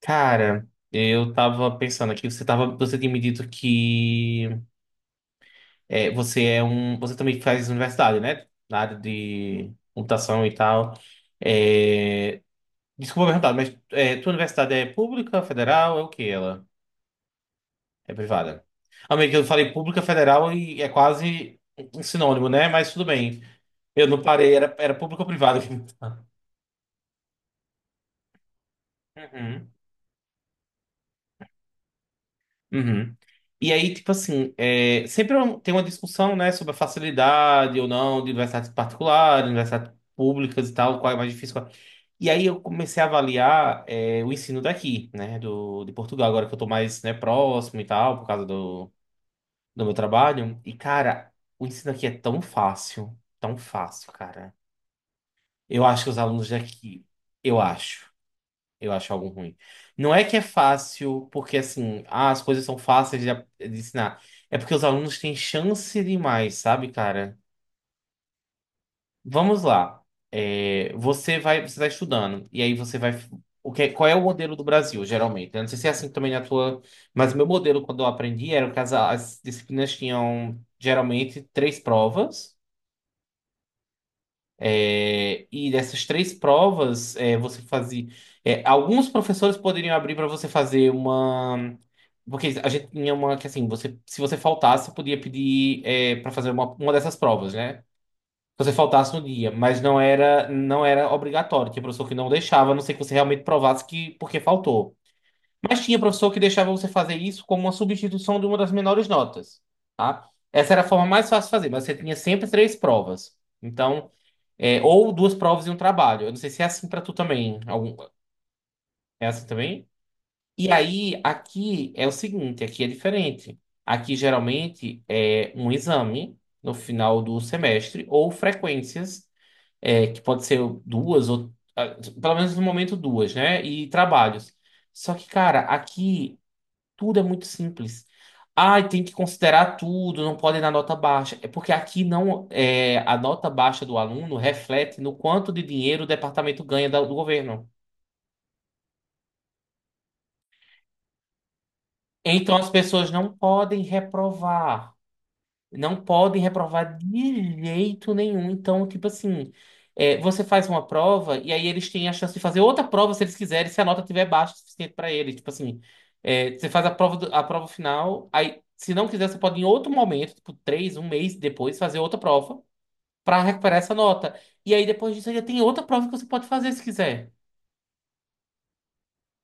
Cara, eu tava pensando aqui, você tinha me dito que é, você é você também faz universidade, né? Na área de computação e tal. É, Desculpa perguntar, mas tua universidade é pública, federal, é o que ela? É privada. Amigo, eu falei pública, federal e é quase um sinônimo, né? Mas tudo bem. Eu não parei, era pública ou privada. Uhum. Uhum. E aí, tipo assim, tem uma discussão, né, sobre a facilidade ou não de universidades particulares, universidades públicas e tal, qual é mais difícil. E aí eu comecei a avaliar o ensino daqui, né, de Portugal, agora que eu tô mais, né, próximo e tal, por causa do meu trabalho. E, cara, o ensino aqui é tão fácil, cara. Eu acho que os alunos daqui, eu acho. Eu acho algo ruim. Não é que é fácil, porque assim, as coisas são fáceis de ensinar. É porque os alunos têm chance demais, sabe, cara? Vamos lá. Você vai, você está estudando, e aí você vai. Qual é o modelo do Brasil geralmente, né? Não sei se é assim também na tua. Mas o meu modelo, quando eu aprendi, era que as disciplinas tinham geralmente três provas. E dessas três provas, você fazia. Alguns professores poderiam abrir para você fazer uma. Porque a gente tinha uma que assim, se você faltasse, podia pedir para fazer uma dessas provas, né? Se você faltasse no dia, mas não era obrigatório. Tinha professor que não deixava, a não ser que você realmente provasse que porque faltou. Mas tinha professor que deixava você fazer isso como uma substituição de uma das menores notas, tá? Essa era a forma mais fácil de fazer, mas você tinha sempre três provas. Então. Ou duas provas e um trabalho. Eu não sei se é assim pra tu também. É assim também? E aí, aqui é o seguinte, aqui é diferente. Aqui geralmente é um exame no final do semestre ou frequências, que pode ser duas ou pelo menos no momento duas, né? E trabalhos. Só que, cara, aqui tudo é muito simples. Ai, tem que considerar tudo, não pode dar nota baixa. É porque aqui não é a nota baixa do aluno reflete no quanto de dinheiro o departamento ganha do governo. Então as pessoas não podem reprovar. Não podem reprovar de jeito nenhum. Então, tipo assim, você faz uma prova e aí eles têm a chance de fazer outra prova se eles quiserem, se a nota tiver baixa o suficiente para eles. Tipo assim, você faz a prova, a prova final, aí se não quiser, você pode em outro momento, tipo três, um mês depois, fazer outra prova para recuperar essa nota. E aí depois disso ainda tem outra prova que você pode fazer se quiser.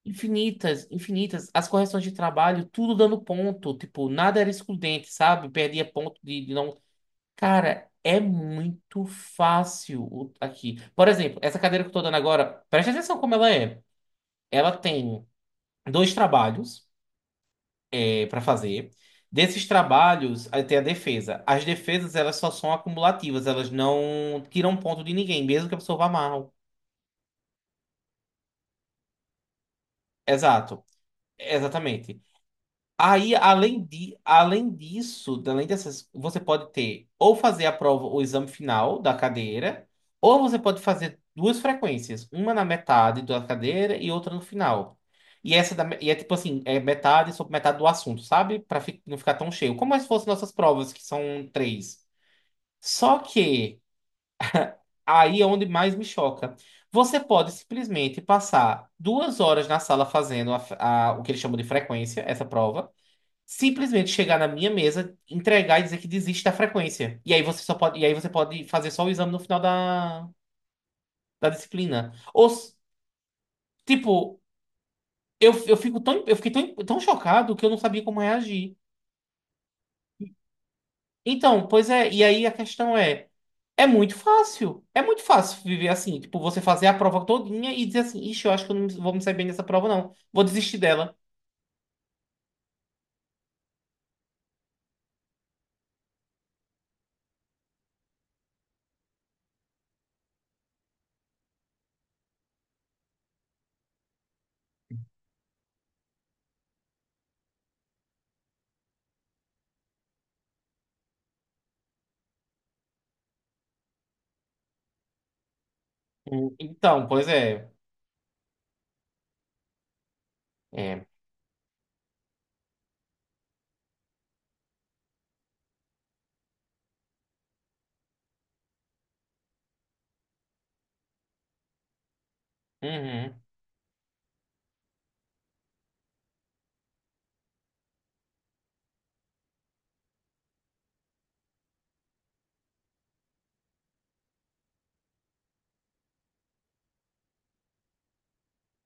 Infinitas, infinitas. As correções de trabalho, tudo dando ponto. Tipo, nada era excludente, sabe? Perdia ponto de não. Cara, é muito fácil aqui. Por exemplo, essa cadeira que eu tô dando agora, preste atenção como ela é. Ela tem dois trabalhos para fazer. Desses trabalhos, aí tem a defesa. As defesas, elas só são acumulativas, elas não tiram ponto de ninguém, mesmo que a pessoa vá mal. Exato. Exatamente. Aí, além disso, além dessas, você pode ter ou fazer a prova, o exame final da cadeira, ou você pode fazer duas frequências, uma na metade da cadeira e outra no final. E é tipo assim, é metade sobre metade do assunto, sabe? Para não ficar tão cheio. Como se fossem nossas provas, que são três. Só que aí é onde mais me choca. Você pode simplesmente passar 2 horas na sala fazendo o que eles chamam de frequência, essa prova simplesmente chegar na minha mesa, entregar e dizer que desiste da frequência. E aí você pode fazer só o exame no final da disciplina. Tipo, eu fico eu fiquei tão, tão chocado que eu não sabia como reagir. Então, pois é, e aí a questão é, é muito fácil. É muito fácil viver assim, tipo, você fazer a prova todinha e dizer assim, ixi, eu acho que eu não vou me sair bem nessa prova, não. Vou desistir dela. Hum. Então, pois é. É. Uhum.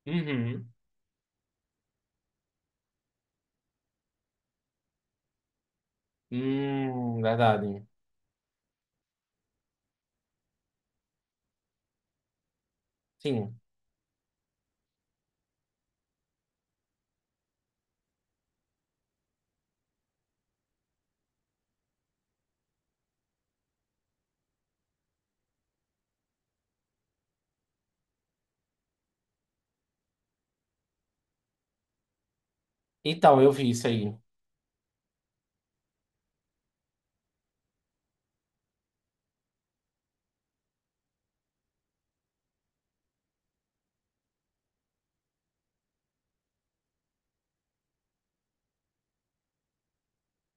Uhum. Verdade. Sim. Então, eu vi isso aí.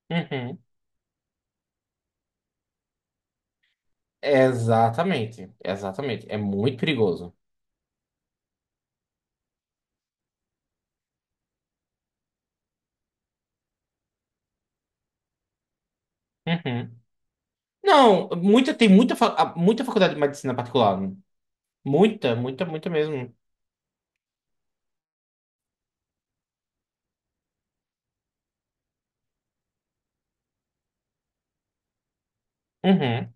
Uhum. Exatamente, exatamente. É muito perigoso. Uhum. Não, tem muita, muita faculdade de medicina particular. Muita, muita, muita mesmo. Uhum.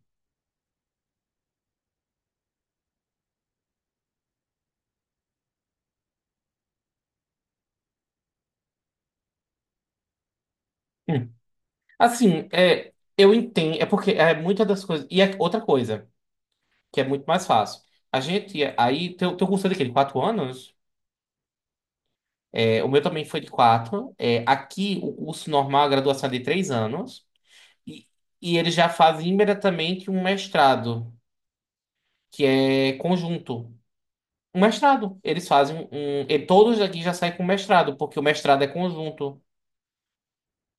Hum. Assim, eu entendo, é porque é muita das coisas. E é outra coisa, que é muito mais fácil. Teu, curso é de quê? De 4 anos? O meu também foi de quatro. Aqui, o curso normal, a graduação é de 3 anos. E, e eles já fazem imediatamente um mestrado. Que é conjunto. Um mestrado. Eles fazem um. E todos daqui já saem com mestrado, porque o mestrado é conjunto.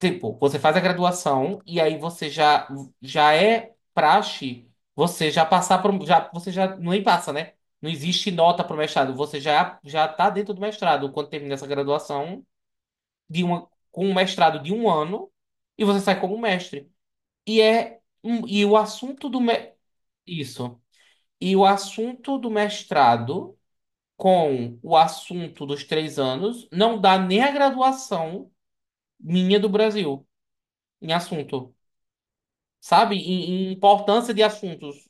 Tipo, você faz a graduação e aí você já é praxe, você já passar por. Você já nem passa, né? Não existe nota para o mestrado. Você já tá dentro do mestrado quando termina essa graduação com um mestrado de um ano e você sai como mestre. E é. Um- E o assunto do. Me- Isso. E o assunto do mestrado com o assunto dos 3 anos, não dá nem a graduação minha do Brasil em assunto, sabe? Em importância de assuntos.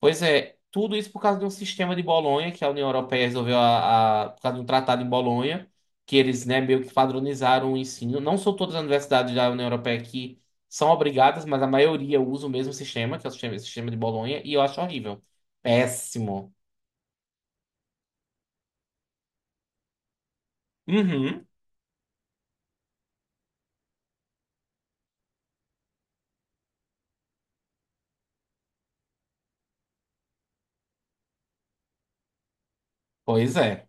Pois é, tudo isso por causa de um sistema de Bolonha que a União Europeia resolveu por causa de um tratado em Bolonha, que eles, né, meio que padronizaram o ensino. Não são todas as universidades da União Europeia que são obrigadas, mas a maioria usa o mesmo sistema, que é o sistema, esse sistema de Bolonha, e eu acho horrível. Péssimo. Uhum. Pois é.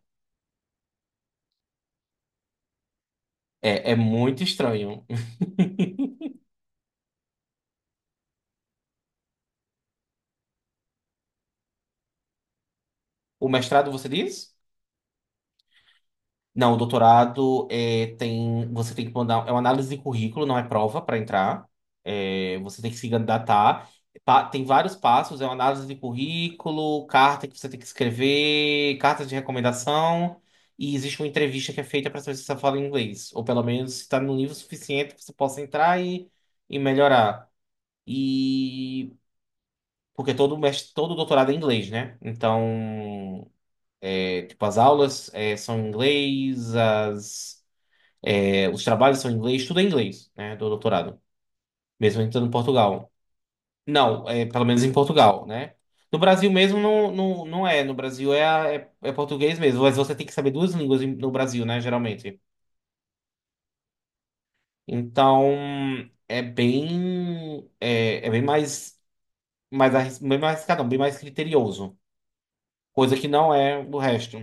É muito estranho. O mestrado, você diz? Não, o doutorado você tem que mandar, é uma análise de currículo, não é prova para entrar. Você tem que se candidatar. Tem vários passos, é uma análise de currículo, carta que você tem que escrever, carta de recomendação, e existe uma entrevista que é feita para saber se você fala inglês, ou pelo menos se está no nível suficiente que você possa entrar e melhorar. E porque todo doutorado é inglês, né? Então. Tipo, as aulas são em inglês, os trabalhos são em inglês, tudo é em inglês, né, do doutorado, mesmo entrando em Portugal. Não, pelo menos em Portugal, né? No Brasil mesmo não, não, não é, no Brasil é português mesmo, mas você tem que saber duas línguas no Brasil, né, geralmente. Então, é bem mais, bem mais arriscado, não, bem mais criterioso, coisa que não é do resto.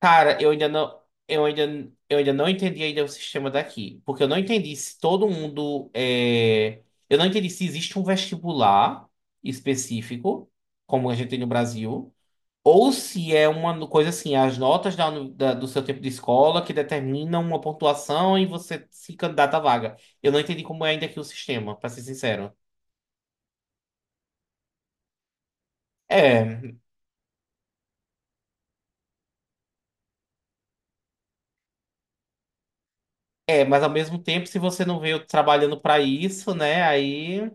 Cara, eu ainda não entendi ainda o sistema daqui, porque eu não entendi se existe um vestibular específico, como a gente tem no Brasil, ou se é uma no- coisa assim, as notas do seu tempo de escola que determinam uma pontuação e você se candidata à vaga. Eu não entendi como é ainda aqui o sistema, pra ser sincero. É, mas ao mesmo tempo, se você não veio trabalhando pra isso, né, aí.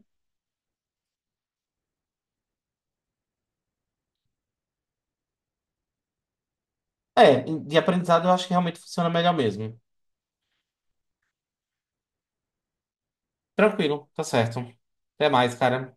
De aprendizado eu acho que realmente funciona melhor mesmo. Tranquilo, tá certo. Até mais, cara.